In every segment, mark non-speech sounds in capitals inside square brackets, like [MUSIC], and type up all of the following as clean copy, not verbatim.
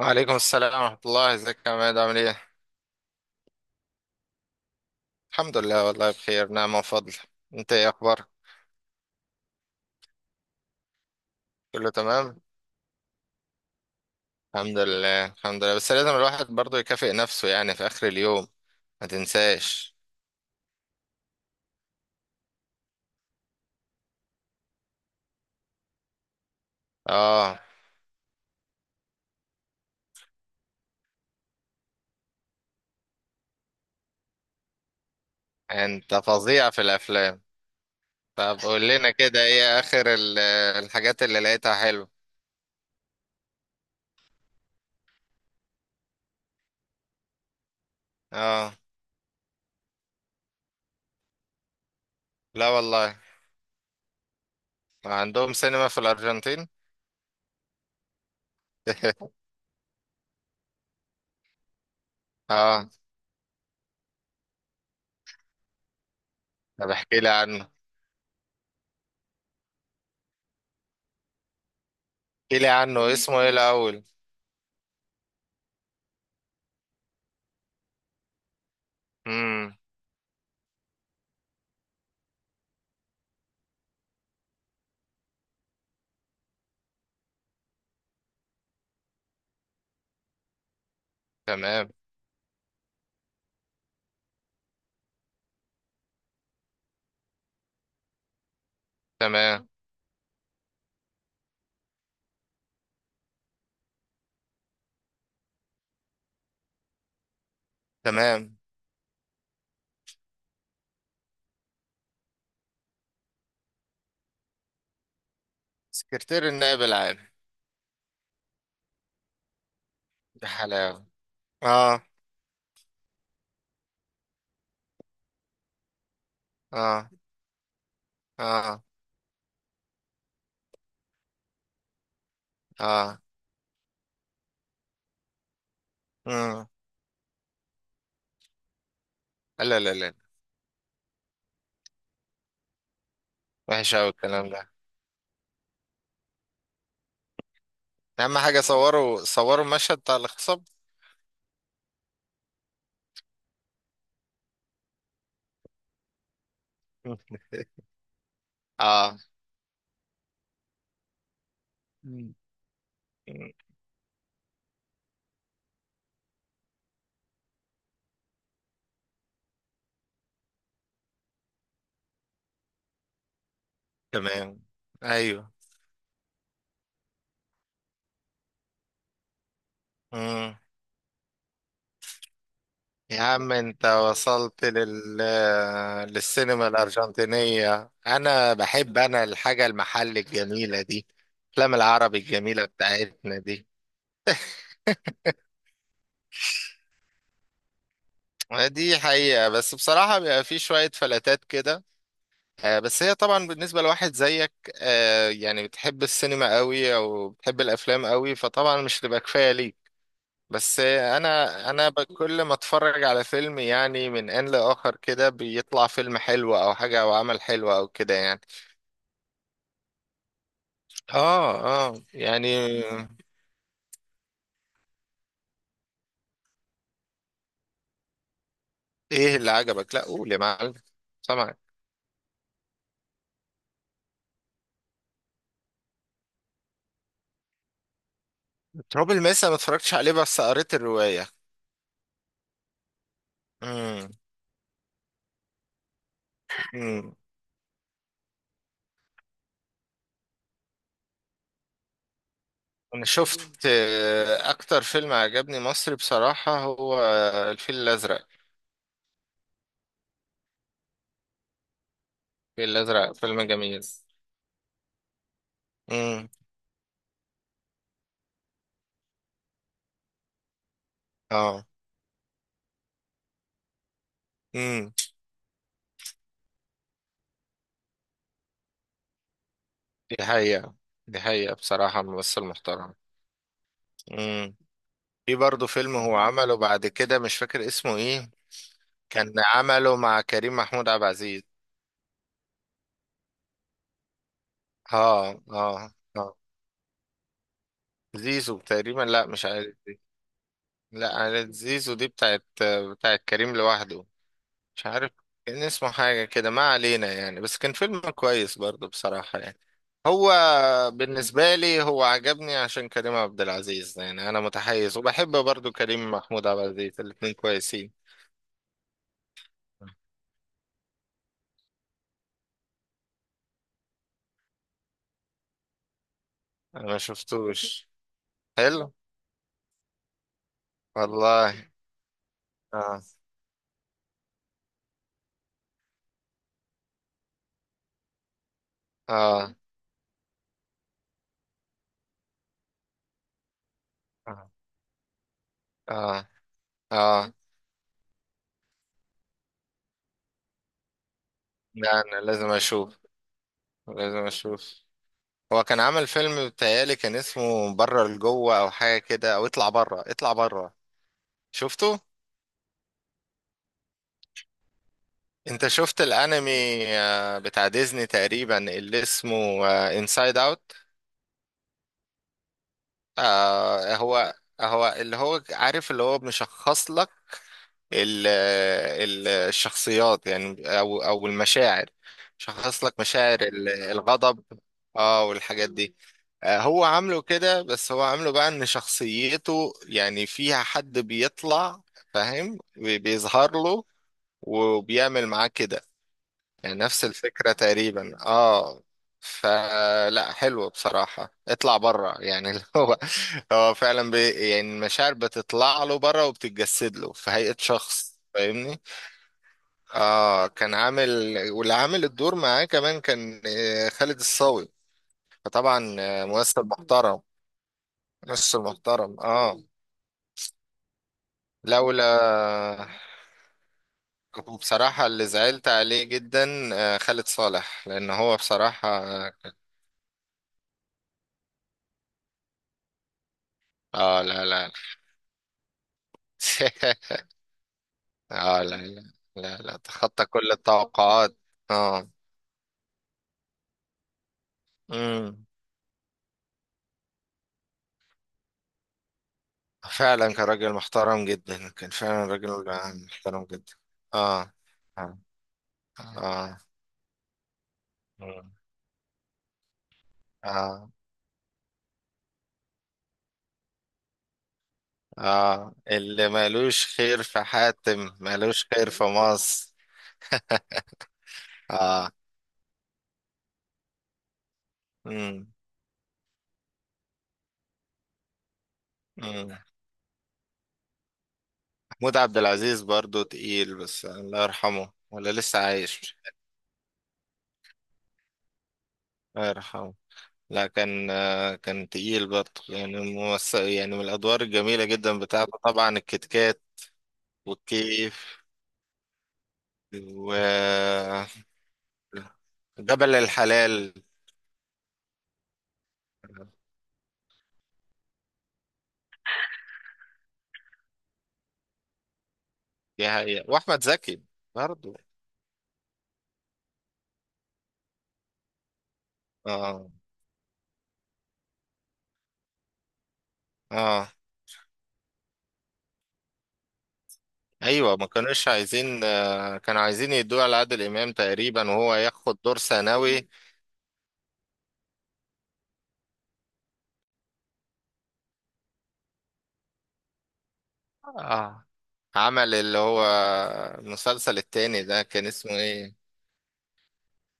وعليكم السلام ورحمة الله، ازيك يا عماد؟ عامل ايه؟ الحمد لله والله بخير، نعم وفضل. انت ايه اخبارك؟ كله تمام؟ الحمد لله الحمد لله، بس لازم الواحد برضه يكافئ نفسه يعني في اخر اليوم، ما تنساش. اه. انت فظيع في الافلام. طب قول لنا كده ايه اخر الحاجات اللي لقيتها حلوة. اه لا والله. عندهم سينما في الارجنتين؟ [LAUGHS] اه. طب احكي لي عنه. احكي لي عنه اسمه ايه الاول؟ امم. تمام. تمام. تمام. سكرتير النائب العام. يا حلاوة. اه اه اه اه. مم. لا لا لا. وحش قوي الكلام ده. اهم حاجة صوروا صوروا المشهد بتاع الاغتصاب؟ مم. اه. مم. مم. تمام. ايوه. مم. يا عم انت وصلت للسينما الارجنتينية. انا بحب، انا الحاجة المحل الجميلة دي، الافلام العربي الجميلة بتاعتنا دي. دي حقيقة، بس بصراحة بيبقى في شوية فلاتات كده. بس هي طبعا بالنسبة لواحد زيك، يعني بتحب السينما قوي او بتحب الافلام قوي، فطبعا مش تبقى كفاية ليك. بس انا كل ما اتفرج على فيلم يعني من ان لاخر كده بيطلع فيلم حلو او حاجة او عمل حلو او كده يعني. اه اه يعني. ايه اللي عجبك، لا قول يا معلم، سامعك. تراب الماس أنا ما اتفرجتش عليه بس قريت الرواية. امم. انا شفت اكتر فيلم عجبني مصري بصراحة هو الفيل الازرق. الفيل الازرق فيلم جميل. امم. اه. امم. دي حقيقة. دي حقيقة، بصراحة ممثل محترم. امم. في برضه فيلم هو عمله بعد كده مش فاكر اسمه ايه. كان عمله مع كريم محمود عبد العزيز. اه اه اه. زيزو تقريبا، لا مش عارف دي. لا، عائلة زيزو دي بتاعت كريم لوحده. مش عارف. كان اسمه حاجة كده، ما علينا يعني، بس كان فيلم كويس برضه بصراحة يعني. هو بالنسبة لي هو عجبني عشان كريم عبد العزيز، يعني أنا متحيز وبحب برضه كريم محمود عبد العزيز، الاتنين كويسين. أنا ما شفتوش. حلو والله. آه آه آه آه آه. لا أنا لازم أشوف، لازم أشوف. هو كان عمل فيلم بتهيألي كان اسمه بره لجوه أو حاجة كده، أو اطلع بره اطلع بره. شفته؟ انت شفت الانمي بتاع ديزني تقريبا اللي اسمه انسايد اوت. هو هو اللي هو عارف، اللي هو مشخص لك الشخصيات يعني، او المشاعر. شخص لك مشاعر الغضب. اه والحاجات دي. هو عامله كده، بس هو عامله بقى ان شخصيته يعني فيها حد بيطلع، فاهم، بيظهر له وبيعمل معاه كده. يعني نفس الفكرة تقريبا، اه. فلا حلو بصراحة اطلع بره، يعني اللي هو، هو فعلا بي يعني المشاعر بتطلع له بره وبتتجسد له في هيئة شخص، فاهمني. اه كان عامل، واللي عامل الدور معاه كمان كان خالد الصاوي، فطبعا ممثل محترم. ممثل محترم اه. لولا، بصراحة اللي زعلت عليه جدا خالد صالح، لأن هو بصراحة اه. لا لا. [LAUGHS] اه لا لا. لا لا تخطى كل التوقعات. اه امم. فعلا كان راجل محترم جدا، كان فعلا راجل محترم جدا. اه اه اه. مم. اه اه، اللي مالوش خير في حاتم مالوش خير في مصر. اه امم امم. محمود عبد العزيز برضو تقيل، بس الله يرحمه ولا لسه عايش؟ الله يرحمه. لا كان، كان تقيل برضه يعني، يعني من الأدوار الجميلة جدا بتاعته طبعا الكتكات والكيف وجبل الحلال. دي حقيقة، وأحمد زكي برضه. اه اه. ايوه ما كانوش عايزين، كانوا عايزين يدوه على عادل امام تقريبا وهو ياخد دور ثانوي. اه. عمل اللي هو المسلسل التاني ده كان اسمه ايه؟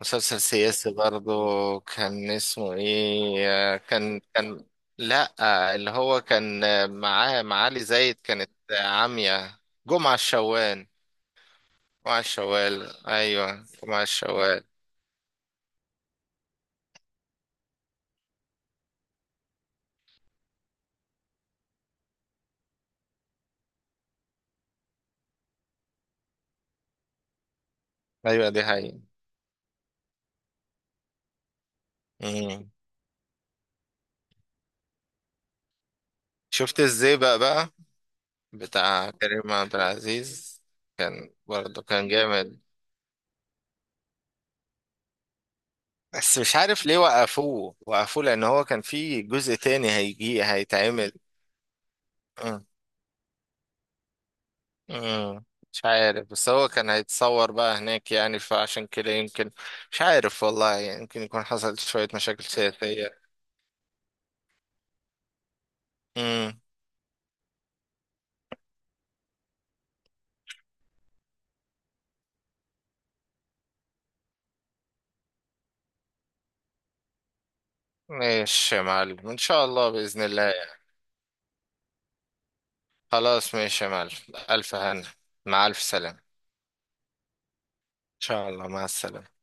مسلسل سياسي برضو كان اسمه ايه، كان لا، اللي هو كان معاه معالي زايد، كانت عامية جمعة الشوال. جمعة الشوال ايوه، جمعة الشوال. ايوه دي حقيقة. مم. شفت ازاي بقى بتاع كريم عبد العزيز. كان برضو كان جامد. بس مش عارف ليه وقفوه وقفوه لان هو كان في جزء تاني هيجي هيتعمل. مم. مش عارف بس هو كان هيتصور بقى هناك يعني فعشان كده يمكن. مش عارف والله يعني، يمكن يكون حصلت شوية مشاكل سياسية. امم. ماشي يا معلم، ان شاء الله بإذن الله يعني. خلاص ماشي يا معلم. ألف هنا. مع ألف سلامة ان شاء الله، مع السلامة.